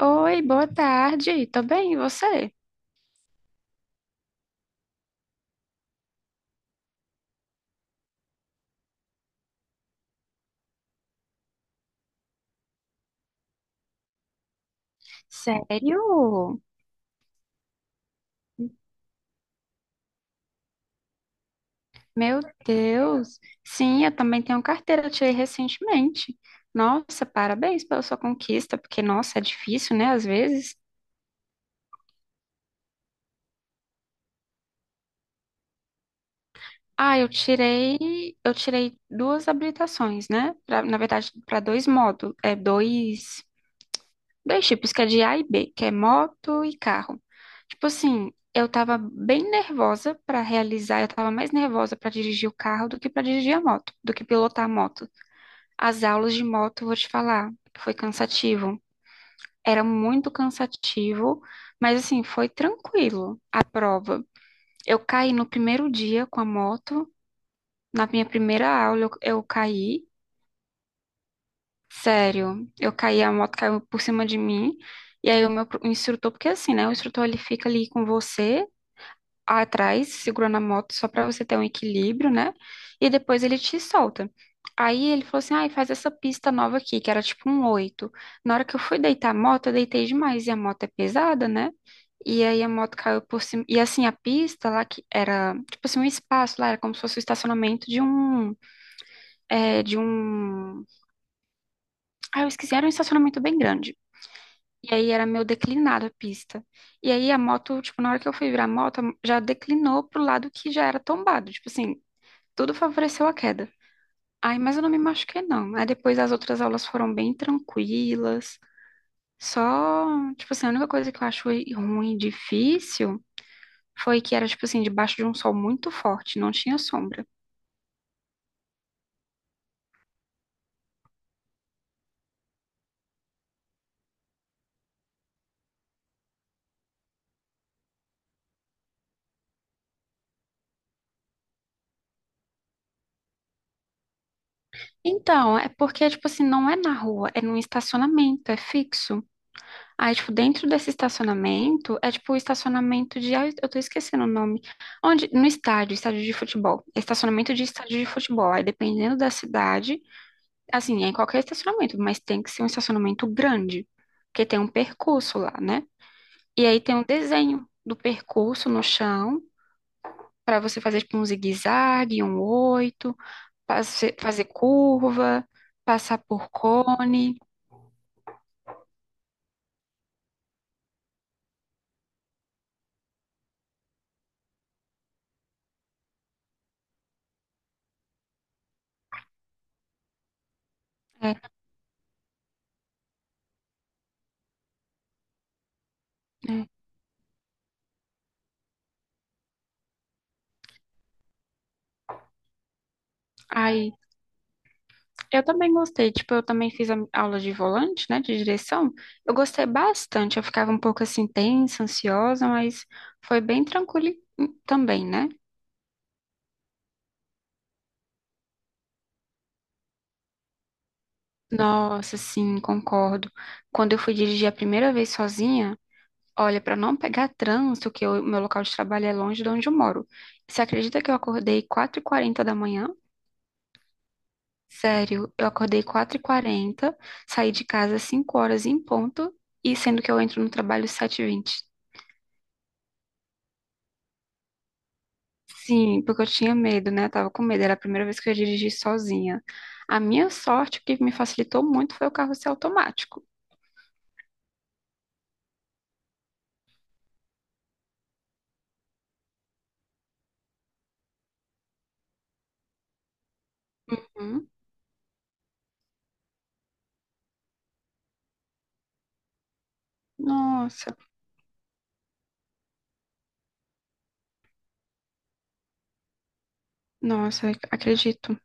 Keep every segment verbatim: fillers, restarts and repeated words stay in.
Oi, boa tarde. Tô bem, e você? Sério? Meu Deus. Sim, eu também tenho carteira, eu tirei recentemente. Nossa, parabéns pela sua conquista, porque nossa, é difícil, né, às vezes. Ah, eu tirei, eu tirei duas habilitações, né? Pra- na verdade, para dois módulos, é dois dois tipos, que é de A e B, que é moto e carro. Tipo assim, eu tava bem nervosa pra realizar, eu tava mais nervosa pra dirigir o carro do que pra dirigir a moto, do que pilotar a moto. As aulas de moto, vou te falar, foi cansativo. Era muito cansativo, mas assim, foi tranquilo a prova. Eu caí no primeiro dia com a moto, na minha primeira aula eu, eu caí. Sério, eu caí, a moto caiu por cima de mim, e aí o meu pro- o instrutor, porque assim, né, o instrutor ele fica ali com você atrás, segurando a moto só pra você ter um equilíbrio, né, e depois ele te solta. Aí ele falou assim, ai, faz essa pista nova aqui, que era tipo um oito. Na hora que eu fui deitar a moto, eu deitei demais, e a moto é pesada, né, e aí a moto caiu por cima, e assim, a pista lá que era, tipo assim, um espaço lá, era como se fosse o estacionamento de um, é, de um, ah, eu esqueci, era um estacionamento bem grande. E aí era meio declinado a pista. E aí a moto, tipo, na hora que eu fui virar a moto, já declinou pro lado que já era tombado. Tipo assim, tudo favoreceu a queda. Aí, mas eu não me machuquei, não. Aí depois as outras aulas foram bem tranquilas. Só, tipo assim, a única coisa que eu acho ruim e difícil foi que era, tipo assim, debaixo de um sol muito forte, não tinha sombra. Então, é porque, tipo assim, não é na rua, é num estacionamento, é fixo. Aí, tipo, dentro desse estacionamento, é tipo o estacionamento de. Ah, eu tô esquecendo o nome. Onde? No estádio, estádio de futebol. É, estacionamento de estádio de futebol. Aí, dependendo da cidade, assim, é em qualquer estacionamento, mas tem que ser um estacionamento grande, porque tem um percurso lá, né? E aí tem um desenho do percurso no chão, pra você fazer, tipo, um zigue-zague, um oito, passe- fazer curva, passar por cone. É, é. Aí. Eu também gostei, tipo, eu também fiz a aula de volante, né, de direção. Eu gostei bastante, eu ficava um pouco assim tensa, ansiosa, mas foi bem tranquilo e- também, né? Nossa, sim, concordo. Quando eu fui dirigir a primeira vez sozinha, olha, para não pegar trânsito, que o meu local de trabalho é longe de onde eu moro. Você acredita que eu acordei quatro e quarenta da manhã? Sério, eu acordei quatro e quarenta, saí de casa às cinco horas em ponto, e sendo que eu entro no trabalho às sete e vinte. Sim, porque eu tinha medo, né? Eu tava com medo. Era a primeira vez que eu ia dirigir sozinha. A minha sorte, o que me facilitou muito foi o carro ser automático. Hum, Nossa, nossa, acredito,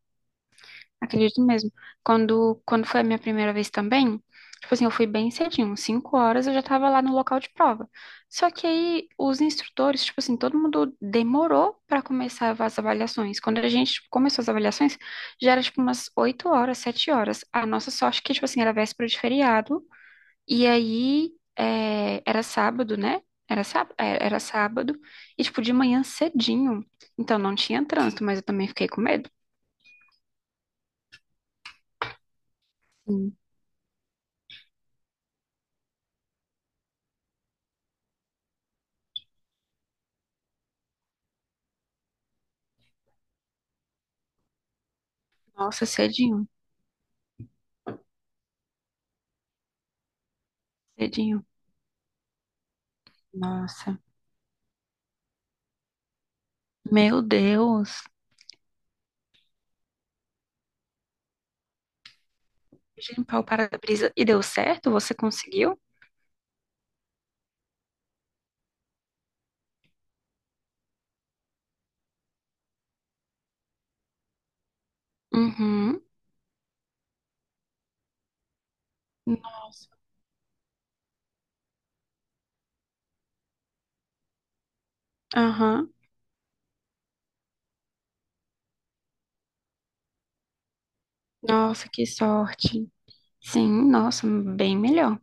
acredito mesmo. Quando, quando foi a minha primeira vez também, tipo assim, eu fui bem cedinho, cinco horas eu já tava lá no local de prova. Só que aí os instrutores, tipo assim, todo mundo demorou pra começar as avaliações. Quando a gente tipo, começou as avaliações, já era tipo umas oito horas, sete horas. A nossa sorte é que, tipo assim, era véspera de feriado. E aí, é, era sábado, né? Era sábado, era sábado, e tipo, de manhã cedinho. Então não tinha trânsito, mas eu também fiquei com medo. Sim. Nossa, cedinho, cedinho. Nossa, meu Deus. Deixa eu limpar o para-brisa. E deu certo? Você conseguiu? Uhum. Nossa. Aham. Nossa, que sorte. Sim, nossa, bem melhor.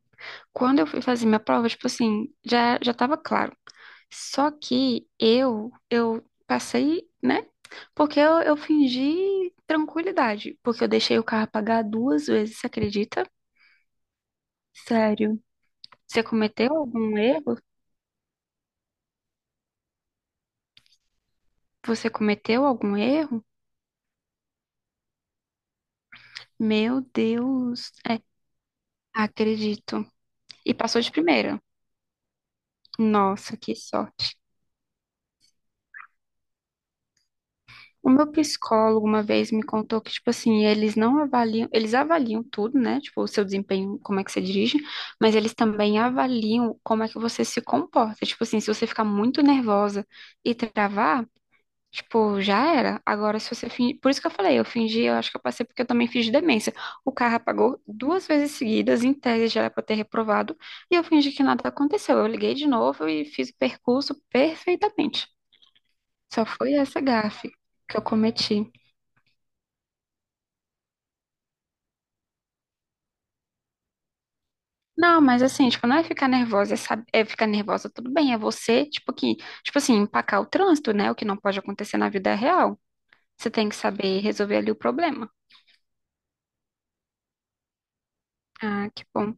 Quando eu fui fazer minha prova, tipo assim, já já tava claro. Só que eu eu passei, né? Porque eu, eu fingi tranquilidade, porque eu deixei o carro apagar duas vezes, você acredita? Sério. Você cometeu algum erro? Você cometeu algum erro? Meu Deus. É, acredito. E passou de primeira. Nossa, que sorte. O meu psicólogo uma vez me contou que, tipo assim, eles não avaliam, eles avaliam tudo, né? Tipo, o seu desempenho, como é que você dirige, mas eles também avaliam como é que você se comporta. Tipo assim, se você ficar muito nervosa e travar, tipo, já era. Agora, se você fingir. Por isso que eu falei, eu fingi, eu acho que eu passei porque eu também fingi demência. O carro apagou duas vezes seguidas, em tese já era pra eu ter reprovado, e eu fingi que nada aconteceu. Eu liguei de novo e fiz o percurso perfeitamente. Só foi essa gafe que eu cometi. Não, mas assim, tipo, não é ficar nervosa, é, sab- é ficar nervosa, tudo bem, é você, tipo, que, tipo assim, empacar o trânsito, né? O que não pode acontecer na vida é real. Você tem que saber resolver ali o problema. Ah, que bom.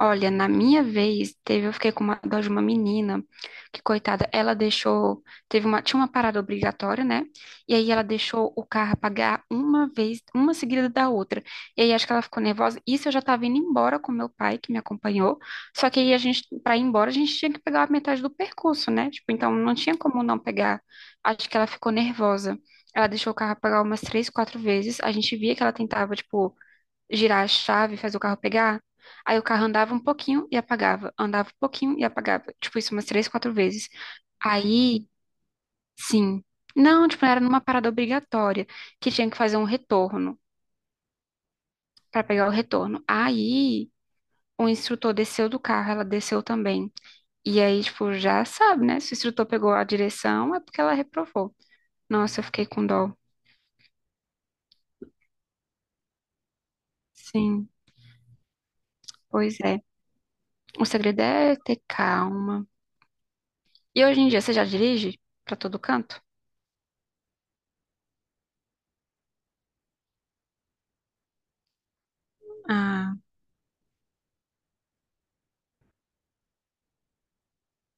Olha, na minha vez, teve, eu fiquei com uma dó de uma menina, que coitada, ela deixou, teve uma, tinha uma parada obrigatória, né? E aí ela deixou o carro apagar uma vez, uma seguida da outra. E aí acho que ela ficou nervosa. Isso eu já tava indo embora com meu pai, que me acompanhou. Só que aí a gente, pra ir embora, a gente tinha que pegar a metade do percurso, né? Tipo, então não tinha como não pegar. Acho que ela ficou nervosa. Ela deixou o carro apagar umas três, quatro vezes. A gente via que ela tentava, tipo, girar a chave, fazer o carro pegar. Aí o carro andava um pouquinho e apagava, andava um pouquinho e apagava. Tipo, isso umas três, quatro vezes. Aí, sim. Não, tipo, era numa parada obrigatória, que tinha que fazer um retorno, pra pegar o retorno. Aí, o instrutor desceu do carro, ela desceu também. E aí, tipo, já sabe, né? Se o instrutor pegou a direção, é porque ela reprovou. Nossa, eu fiquei com dó. Sim, pois é. O segredo é ter calma. E hoje em dia, você já dirige pra todo canto? Ah.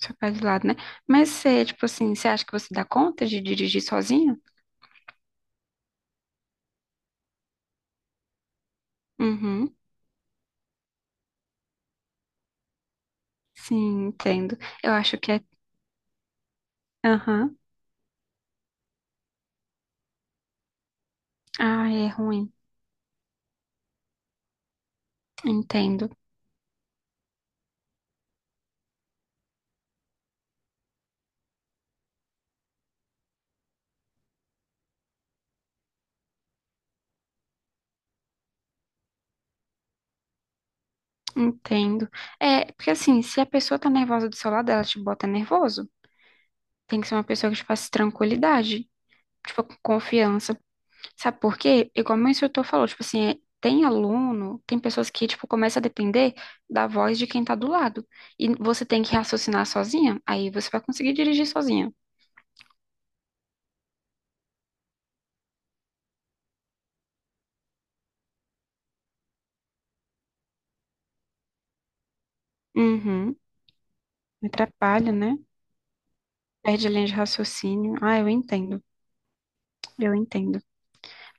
Ficar de lado, né? Mas você, tipo assim, você acha que você dá conta de dirigir sozinho? Uhum. Sim, entendo. Eu acho que é. Aham. Ah, é ruim. Entendo. Entendo. É, porque assim, se a pessoa tá nervosa do seu lado, ela te bota nervoso. Tem que ser uma pessoa que te faça tranquilidade, tipo, com confiança. Sabe por quê? Igual meu instrutor falou, tipo assim, é- tem aluno, tem pessoas que, tipo, começa a depender da voz de quem tá do lado. E você tem que raciocinar sozinha, aí você vai conseguir dirigir sozinha. Uhum. Me atrapalha, né? Perde a linha de raciocínio. Ah, eu entendo. Eu entendo.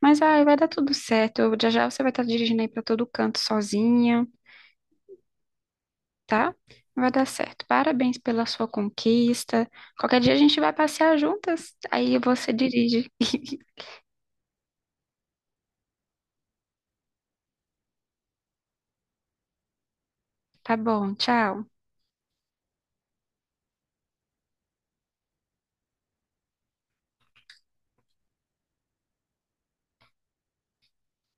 Mas ai, vai dar tudo certo. Eu- Já já você vai estar dirigindo aí para todo canto sozinha, tá? Vai dar certo. Parabéns pela sua conquista. Qualquer dia a gente vai passear juntas. Aí você dirige. Tá bom, tchau.